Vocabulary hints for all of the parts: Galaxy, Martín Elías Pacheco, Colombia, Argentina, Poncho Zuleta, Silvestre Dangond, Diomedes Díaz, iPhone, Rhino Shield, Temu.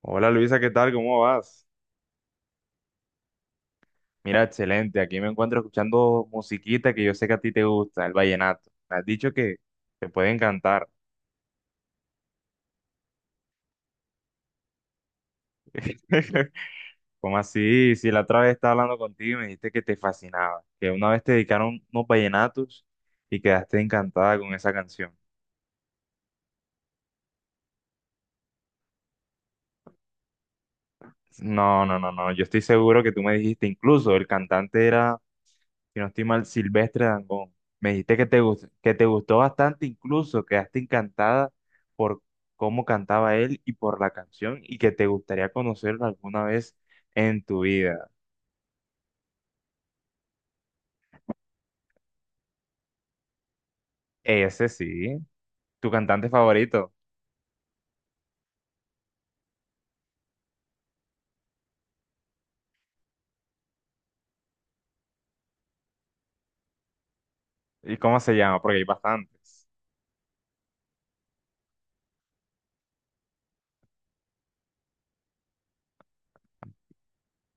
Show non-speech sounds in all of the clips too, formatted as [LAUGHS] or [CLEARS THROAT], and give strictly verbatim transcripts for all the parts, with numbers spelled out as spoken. Hola Luisa, ¿qué tal? ¿Cómo vas? Mira, excelente. Aquí me encuentro escuchando musiquita que yo sé que a ti te gusta, el vallenato. Me has dicho que te puede encantar. [LAUGHS] ¿Cómo así? Si la otra vez estaba hablando contigo y me dijiste que te fascinaba, que una vez te dedicaron unos vallenatos y quedaste encantada con esa canción. No, no, no, no. Yo estoy seguro que tú me dijiste, incluso el cantante era, si no estoy mal, Silvestre Dangond. Me dijiste que te, gus- que te gustó bastante, incluso quedaste encantada por cómo cantaba él y por la canción, y que te gustaría conocerlo alguna vez en tu vida. Ese sí, tu cantante favorito. ¿Y cómo se llama? Porque hay bastantes.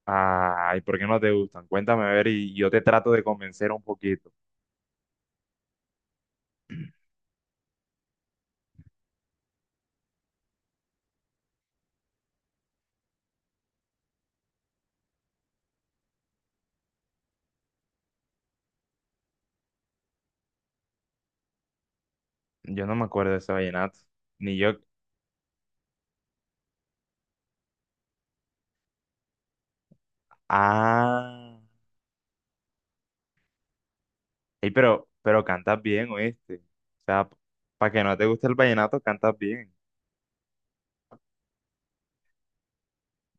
Ay, ¿por qué no te gustan? Cuéntame a ver y yo te trato de convencer un poquito. Yo no me acuerdo de ese vallenato, ni yo. Ah. Ey, pero, pero cantas bien, ¿oíste? O sea, para que no te guste el vallenato, cantas bien.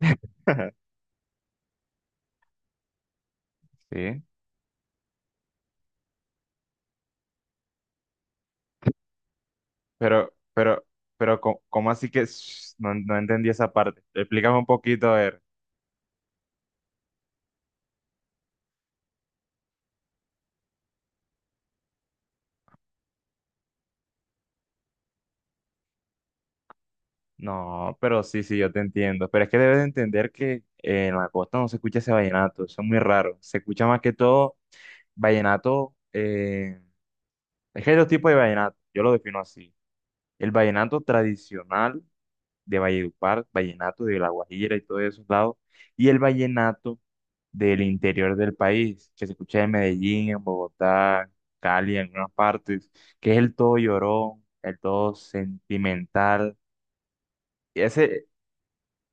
[LAUGHS] Sí. Pero, pero, pero, co- ¿cómo, así que s- no, no entendí esa parte? Explícame un poquito, a ver. No, pero sí, sí, yo te entiendo. Pero es que debes de entender que eh, en la costa no se escucha ese vallenato, eso es muy raro. Se escucha más que todo vallenato. eh, Es que hay dos tipos de vallenato, yo lo defino así. El vallenato tradicional de Valledupar, vallenato de La Guajira y todos esos lados, y el vallenato del interior del país, que se escucha en Medellín, en Bogotá, Cali, en algunas partes, que es el todo llorón, el todo sentimental. Y ese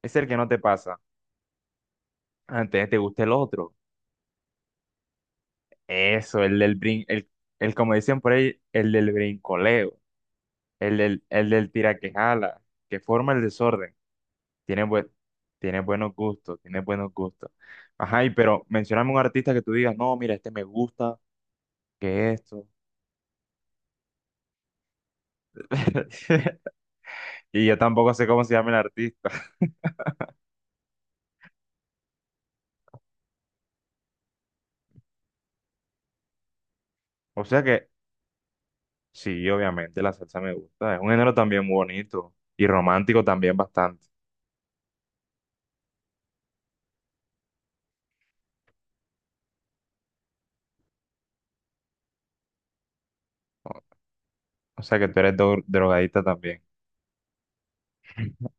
es el que no te pasa, antes te gusta el otro. Eso, el del brin, el, el como dicen por ahí, el del brincoleo, el del, el del tiraquejala, que forma el desorden. Tienes buen, Tienes buenos gustos, tienes buenos gustos. Ajá, y pero mencióname un artista que tú digas, no, mira, este me gusta, que esto. [LAUGHS] Y yo tampoco sé cómo se llama el artista. [LAUGHS] O sea que, sí, obviamente la salsa me gusta. Es un género también muy bonito y romántico también bastante. O o sea que tú eres dro- drogadita también. [LAUGHS]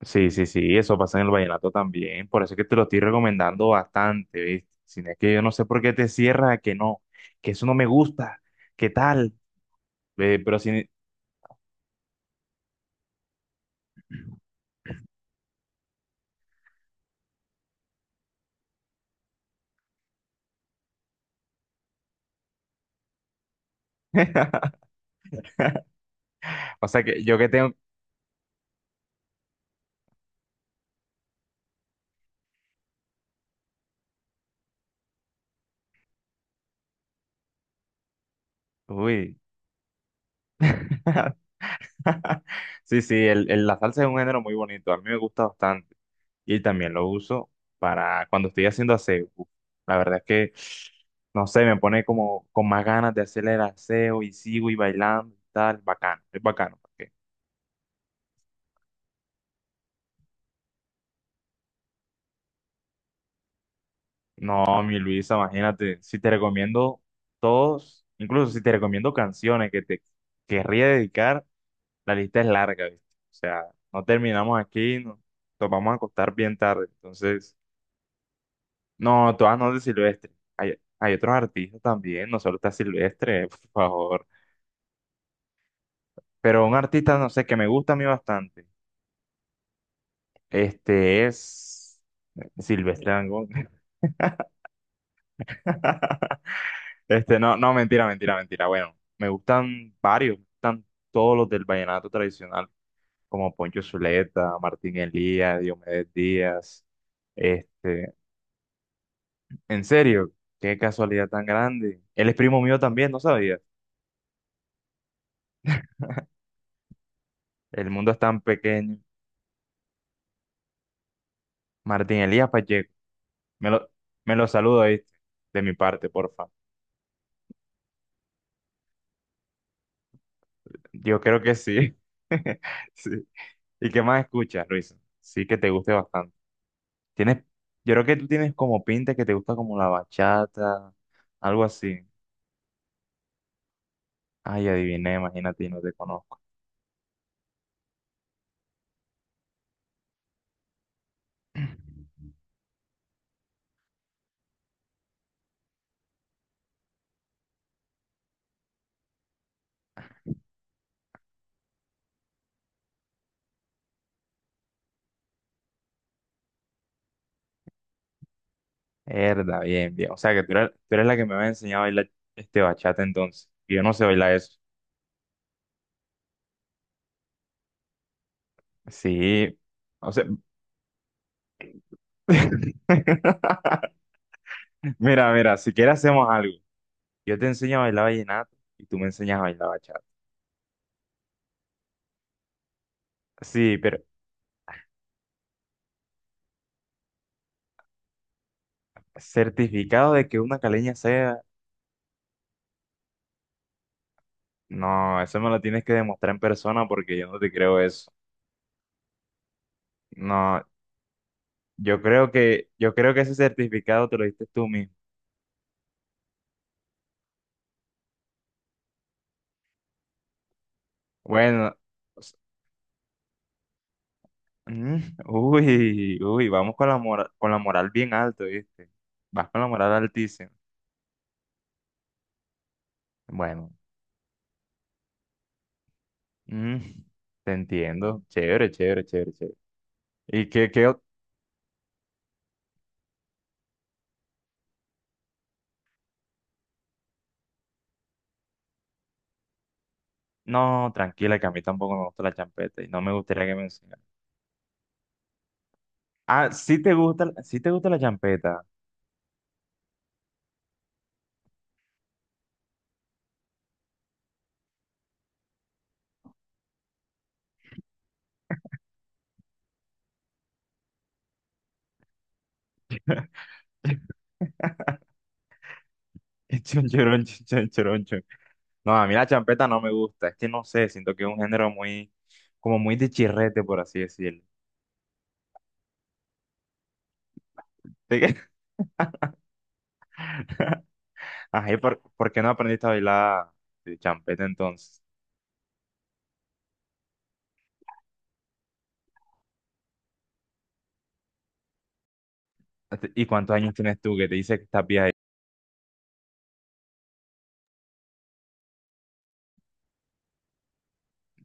Sí, sí, sí, eso pasa en el vallenato también. Por eso es que te lo estoy recomendando bastante, ¿viste? Si no es que yo no sé por qué te cierras a que no, que eso no me gusta, ¿qué tal? Ve, pero si... [LAUGHS] O sea que yo que tengo... Uy. [LAUGHS] Sí, sí, el, el- la salsa es un género muy bonito. A mí me gusta bastante. Y también lo uso para cuando estoy haciendo aseo. Uf, la verdad es que, no sé, me pone como con más ganas de hacer el aseo y sigo y bailando y tal. Bacano, es bacano. Porque- No, mi Luisa, imagínate, si te recomiendo todos, incluso si te recomiendo canciones que te querría dedicar. La lista es larga, ¿viste? O sea, no terminamos aquí, nos, nos vamos a acostar bien tarde. Entonces, no, todas no de Silvestre. Hay, Hay otros artistas también, no solo está Silvestre, [LAUGHS] por favor. Pero un artista, no sé, que me gusta a mí bastante. Este es Silvestre Dangond. [LAUGHS] Este, no, no, mentira, mentira, mentira. Bueno, me gustan varios, me gustan todos los del vallenato tradicional, como Poncho Zuleta, Martín Elías, Diomedes Díaz. Este, en serio, qué casualidad tan grande. Él es primo mío también, no sabía. El mundo es tan pequeño. Martín Elías Pacheco. Me lo, Me lo saludo, ¿viste? De mi parte, porfa. Yo creo que sí. [LAUGHS] Sí. ¿Y qué más escuchas, Luis? Sí que te guste bastante. Tienes, yo creo que tú tienes como pinta que te gusta como la bachata, algo así. Ay, adiviné, imagínate, y no te conozco. [CLEARS THROAT] Herda, bien, bien. O sea que tú eres, tú eres la que me había enseñado a bailar este bachata entonces. Y yo no sé bailar eso. Sí, o sea, [LAUGHS] mira, mira, si quieres hacemos algo. Yo te enseño a bailar vallenato y tú me enseñas a bailar bachata. Sí, pero certificado de que una caleña sea, no, eso me lo tienes que demostrar en persona porque yo no te creo eso. No, yo creo que, yo creo que ese certificado te lo diste tú mismo. Bueno, o mm, uy, uy, vamos con la moral, con la moral bien alto, ¿viste? Vas con la moral altísima. Bueno. Mm, te entiendo. Chévere, chévere, chévere, chévere. ¿Y qué, qué ot- No, tranquila, que a mí tampoco me gusta la champeta y no me gustaría que me enseñaran. Ah, sí te gusta, sí te gusta la champeta. [LAUGHS] Chon, chorón, chon, chon, chon. No, a mí la champeta no me gusta. Es que no sé, siento que es un género muy, como muy de chirrete, por así decirlo. [LAUGHS] Ajá, ¿y por, por qué no aprendiste a bailar de champeta entonces? ¿Y cuántos años tienes tú que te dice que estás vieja?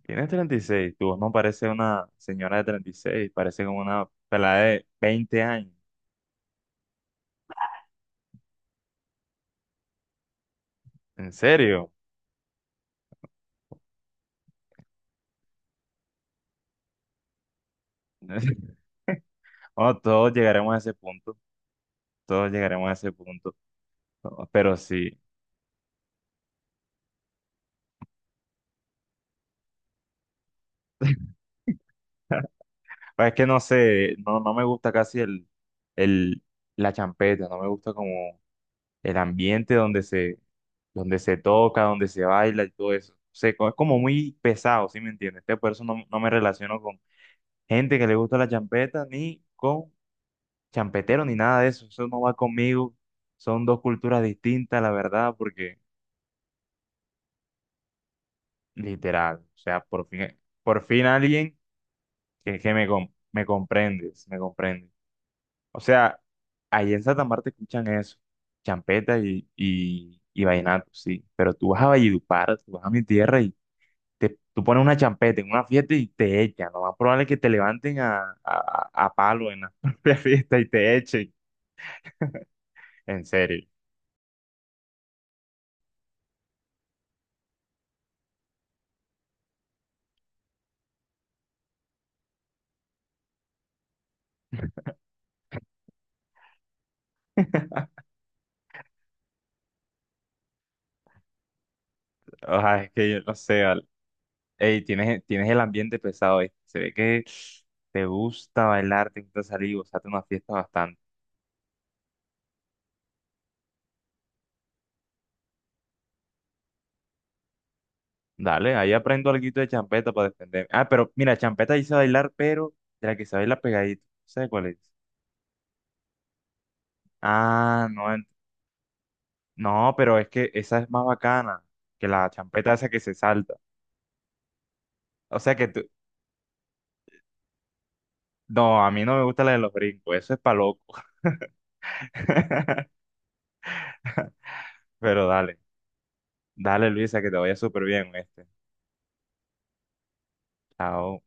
Tienes treinta y seis, tu voz no parece una señora de treinta y seis, parece como una pelada de veinte años. ¿En serio? [LAUGHS] Bueno, todos llegaremos a ese punto, todos llegaremos a ese punto, ¿no? pero sí. Pues es que no sé, no, no me gusta casi el, el, la champeta, no me gusta como el ambiente donde se, donde se toca, donde se baila y todo eso. O co- es como muy pesado, ¿sí me entiendes? Entonces, por eso no, no me relaciono con gente que le gusta la champeta ni con champetero ni nada de eso, eso no va conmigo, son dos culturas distintas, la verdad, porque literal, o sea, por fin, por fin alguien que, que me, com- me comprendes, me comprende. O sea, ahí en Santa Marta escuchan eso, champeta y, y, y vallenato, sí, pero tú vas a Valledupar, tú vas a mi tierra y te, tú pones una champeta en una fiesta y te echan, lo más probable es que te levanten a, a, a palo en la [LAUGHS] propia fiesta y te echen, en serio. [LAUGHS] Ay, es que yo no sé, vale. Ey, tienes, tienes el ambiente pesado ahí. Se ve que te gusta bailar, te gusta salir, gozarte una fiesta bastante. Dale, ahí aprendo algo de champeta para defenderme. Ah, pero mira, champeta hice bailar, pero de la que se baila pegadito. ¿Sabes cuál es? Ah, no, ent- no, pero es que esa es más bacana que la champeta esa que se salta. O sea que tú, no, a mí no me gusta la de los brincos, eso es pa' loco. [LAUGHS] Pero dale, dale Luisa, que te vaya súper bien, este. Chao.